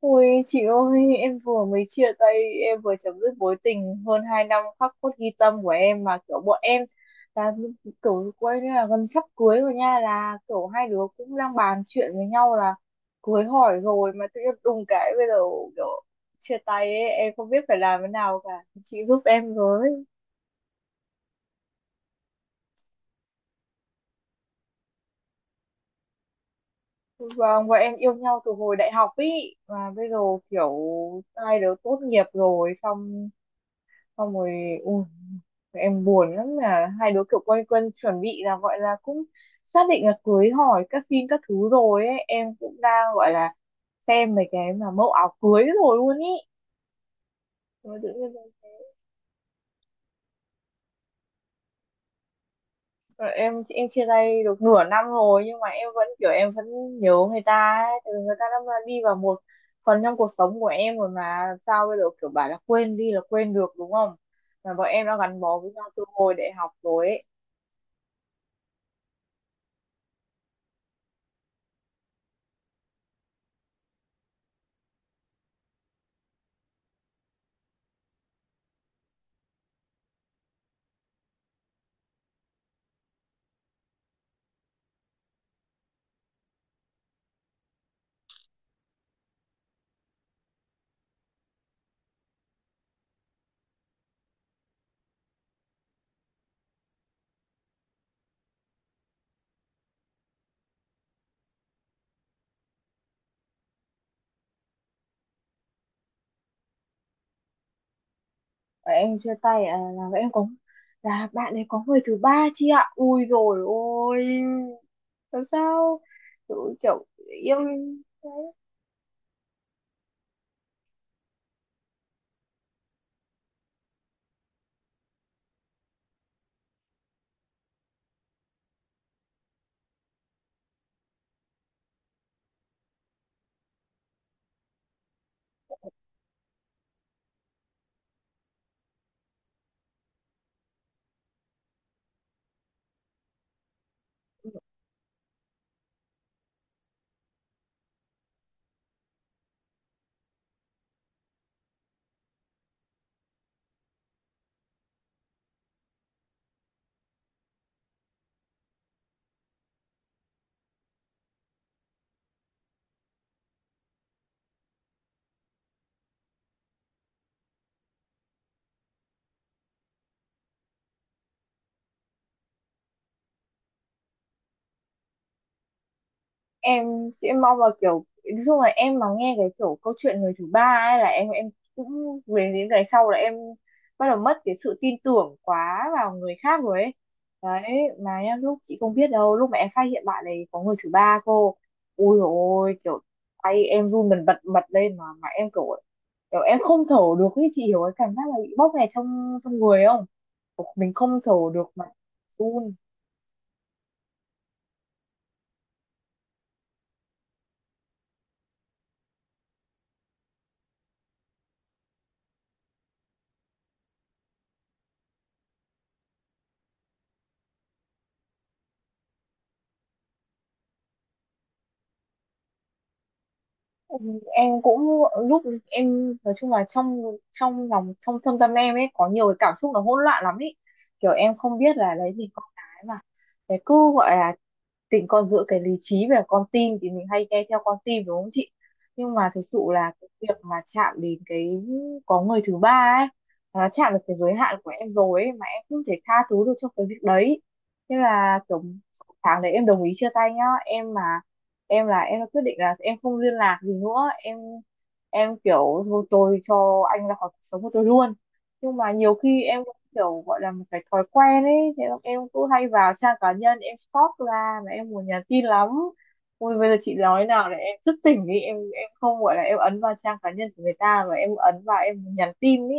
Ôi chị ơi, em vừa mới chia tay, em vừa chấm dứt mối tình hơn 2 năm khắc cốt ghi tâm của em, mà kiểu bọn em là kiểu quay là gần sắp cưới rồi nha, là kiểu hai đứa cũng đang bàn chuyện với nhau là cưới hỏi rồi, mà tự nhiên đùng cái bây giờ kiểu chia tay ấy, em không biết phải làm thế nào cả. Chị giúp em với. Vâng, bọn em yêu nhau từ hồi đại học ý, mà bây giờ kiểu hai đứa tốt nghiệp rồi, xong xong rồi, ui, em buồn lắm, là hai đứa kiểu quay quần chuẩn bị là gọi là cũng xác định là cưới hỏi các xin các thứ rồi ấy, em cũng đang gọi là xem mấy cái mà mẫu áo cưới rồi luôn ý. Rồi tự nhiên rồi em chia tay được nửa năm rồi, nhưng mà em vẫn kiểu em vẫn nhớ người ta ấy, tại vì người ta đã đi vào một phần trong cuộc sống của em rồi, mà sao bây giờ kiểu bảo là quên đi là quên được đúng không, mà bọn em đã gắn bó với nhau từ hồi đại học rồi ấy. Và em chia tay à, là bạn ấy có người thứ ba chị ạ, ui rồi ôi làm sao, kiểu yêu. Em sẽ mong là kiểu nói chung là em mà nghe cái kiểu câu chuyện người thứ ba ấy, là em cũng về những ngày sau là em bắt đầu mất cái sự tin tưởng quá vào người khác rồi ấy, đấy. Mà nhá, lúc chị không biết đâu lúc mà em phát hiện bạn này có người thứ ba cô, ui dồi ôi kiểu tay em run bần bật bật lên, mà em kiểu kiểu em không thở được ấy, chị hiểu cái cảm giác là bị bóp nghẹt trong trong người không? Kiểu mình không thở được mà run. Ừ, em cũng lúc em nói chung là trong trong lòng trong thâm tâm em ấy có nhiều cái cảm xúc nó hỗn loạn lắm ấy, kiểu em không biết là đấy vì con cái mà. Thế cứ gọi là tình con giữa cái lý trí và con tim thì mình hay nghe theo con tim đúng không chị, nhưng mà thực sự là cái việc mà chạm đến cái có người thứ ba ấy, nó chạm được cái giới hạn của em rồi ấy, mà em không thể tha thứ được cho cái việc đấy, nên là kiểu tháng đấy em đồng ý chia tay nhá. Em mà em là em đã quyết định là em không liên lạc gì nữa, em kiểu thôi tôi cho anh ra khỏi cuộc sống của tôi luôn, nhưng mà nhiều khi em kiểu gọi là một cái thói quen ấy, thế là em cứ hay vào trang cá nhân em stalk ra mà em muốn nhắn tin lắm, ui bây giờ chị nói nào là em thức tỉnh đi, em không gọi là em ấn vào trang cá nhân của người ta, mà em ấn vào em muốn nhắn tin ý.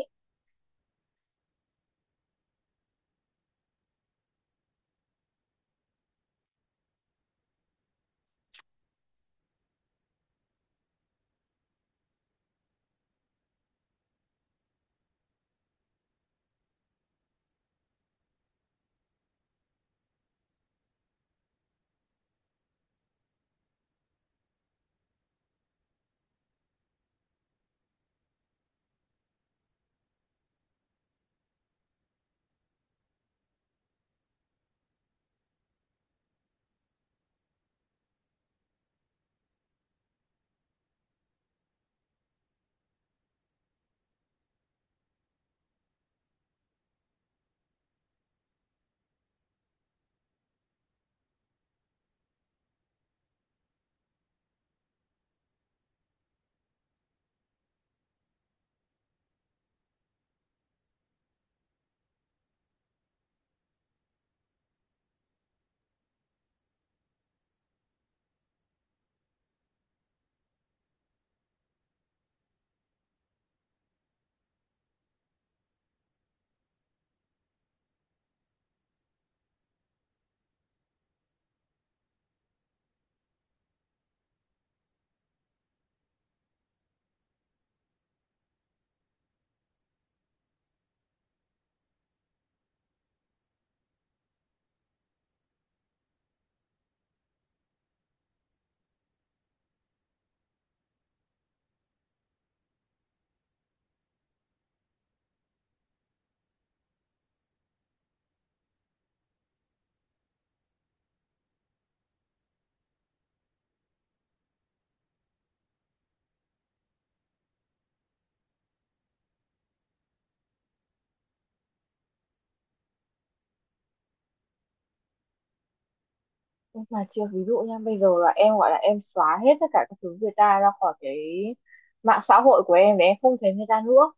Nhưng mà chưa, ví dụ nha bây giờ là em gọi là em xóa hết tất cả các thứ người ta ra khỏi cái mạng xã hội của em để em không thấy người ta nữa,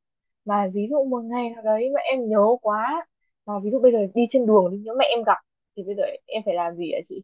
mà ví dụ một ngày nào đấy mà em nhớ quá, mà ví dụ bây giờ đi trên đường đi nhớ mẹ em gặp, thì bây giờ em phải làm gì ạ chị?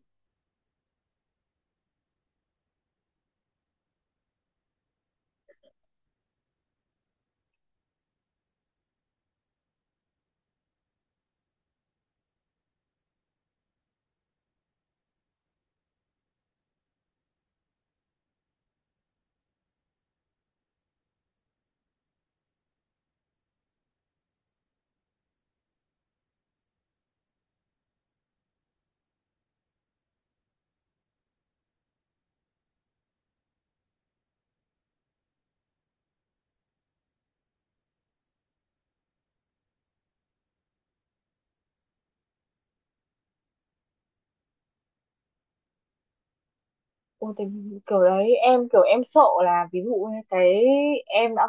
Ôi, thì kiểu đấy em kiểu em sợ là ví dụ như cái em đã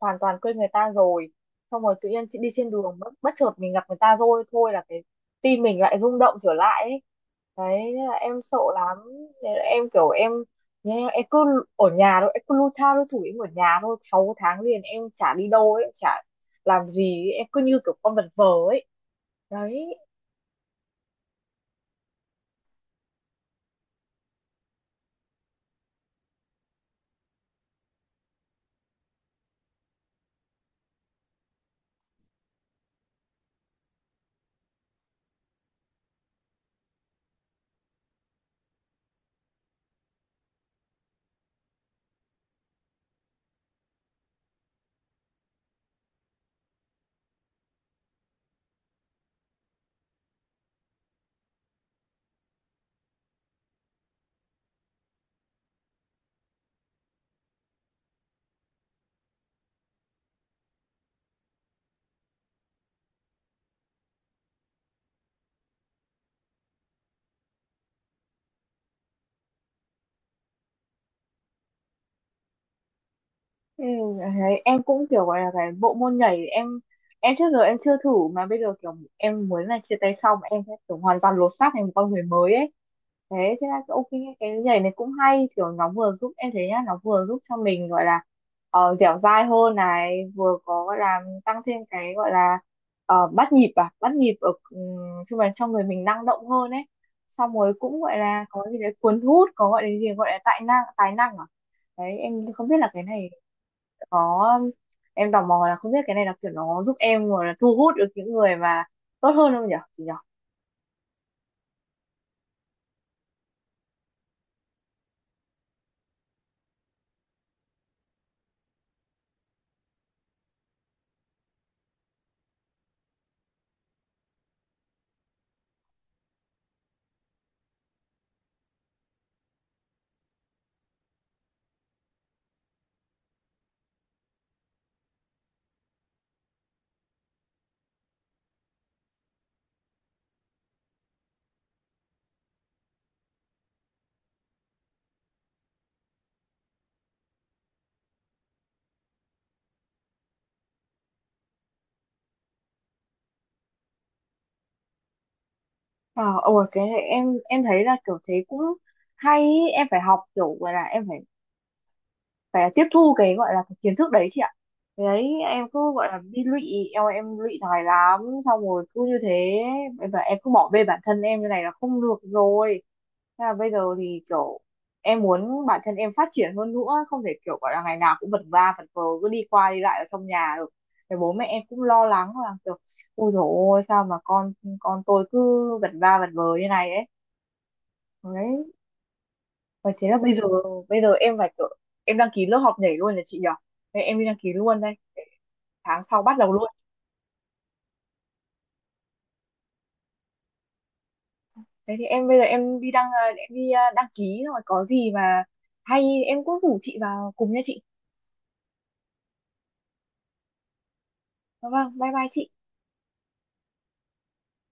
hoàn toàn quên người ta rồi, xong rồi tự nhiên chị đi trên đường bất chợt mình gặp người ta rồi thôi, là cái tim mình lại rung động trở lại ấy, đấy nên là em sợ lắm, nên là em kiểu em nhé, em cứ ở nhà thôi, em cứ lu tha lu thủi em ở nhà thôi, 6 tháng liền em chả đi đâu ấy, chả làm gì ấy. Em cứ như kiểu con vật vờ ấy, đấy. Ừ, đấy, em cũng kiểu gọi là cái bộ môn nhảy em trước giờ em chưa thử, mà bây giờ kiểu em muốn là chia tay xong em sẽ kiểu hoàn toàn lột xác thành một con người mới ấy, thế thế là ok. Cái nhảy này cũng hay, kiểu nó vừa giúp em thấy nhá, nó vừa giúp cho mình gọi là dẻo dai hơn này, vừa có gọi là tăng thêm cái gọi là bắt nhịp ở chung là cho người mình năng động hơn ấy, xong rồi cũng gọi là có gì đấy cuốn hút, có gọi là gì gọi là tài năng à, đấy em không biết là cái này có, em tò mò là không biết cái này là kiểu nó giúp em rồi là thu hút được những người mà tốt hơn không nhỉ chị nhỉ? Ờ ôi cái này em thấy là kiểu thế cũng hay ý. Em phải học kiểu gọi là em phải phải tiếp thu cái gọi là cái kiến thức đấy chị ạ. Thế đấy em cứ gọi là bị lụy, em lụy thói lắm, xong rồi cứ như thế, và em cứ bỏ bê bản thân em như này là không được rồi. Thế là bây giờ thì kiểu em muốn bản thân em phát triển hơn nữa, không thể kiểu gọi là ngày nào cũng vật va vật vờ cứ đi qua đi lại ở trong nhà được, thì bố mẹ em cũng lo lắng là kiểu ôi dồi ôi sao mà con tôi cứ vật va vật vờ như này ấy, đấy. Và thế là bây giờ em phải kiểu, em đăng ký lớp học nhảy luôn là chị nhỉ? Thế em đi đăng ký luôn đây, tháng sau bắt đầu luôn. Thế thì em bây giờ em đi đăng à, em đi à, đăng ký rồi có gì mà hay em cũng rủ chị vào cùng nha chị. Vâng, bye bye chị.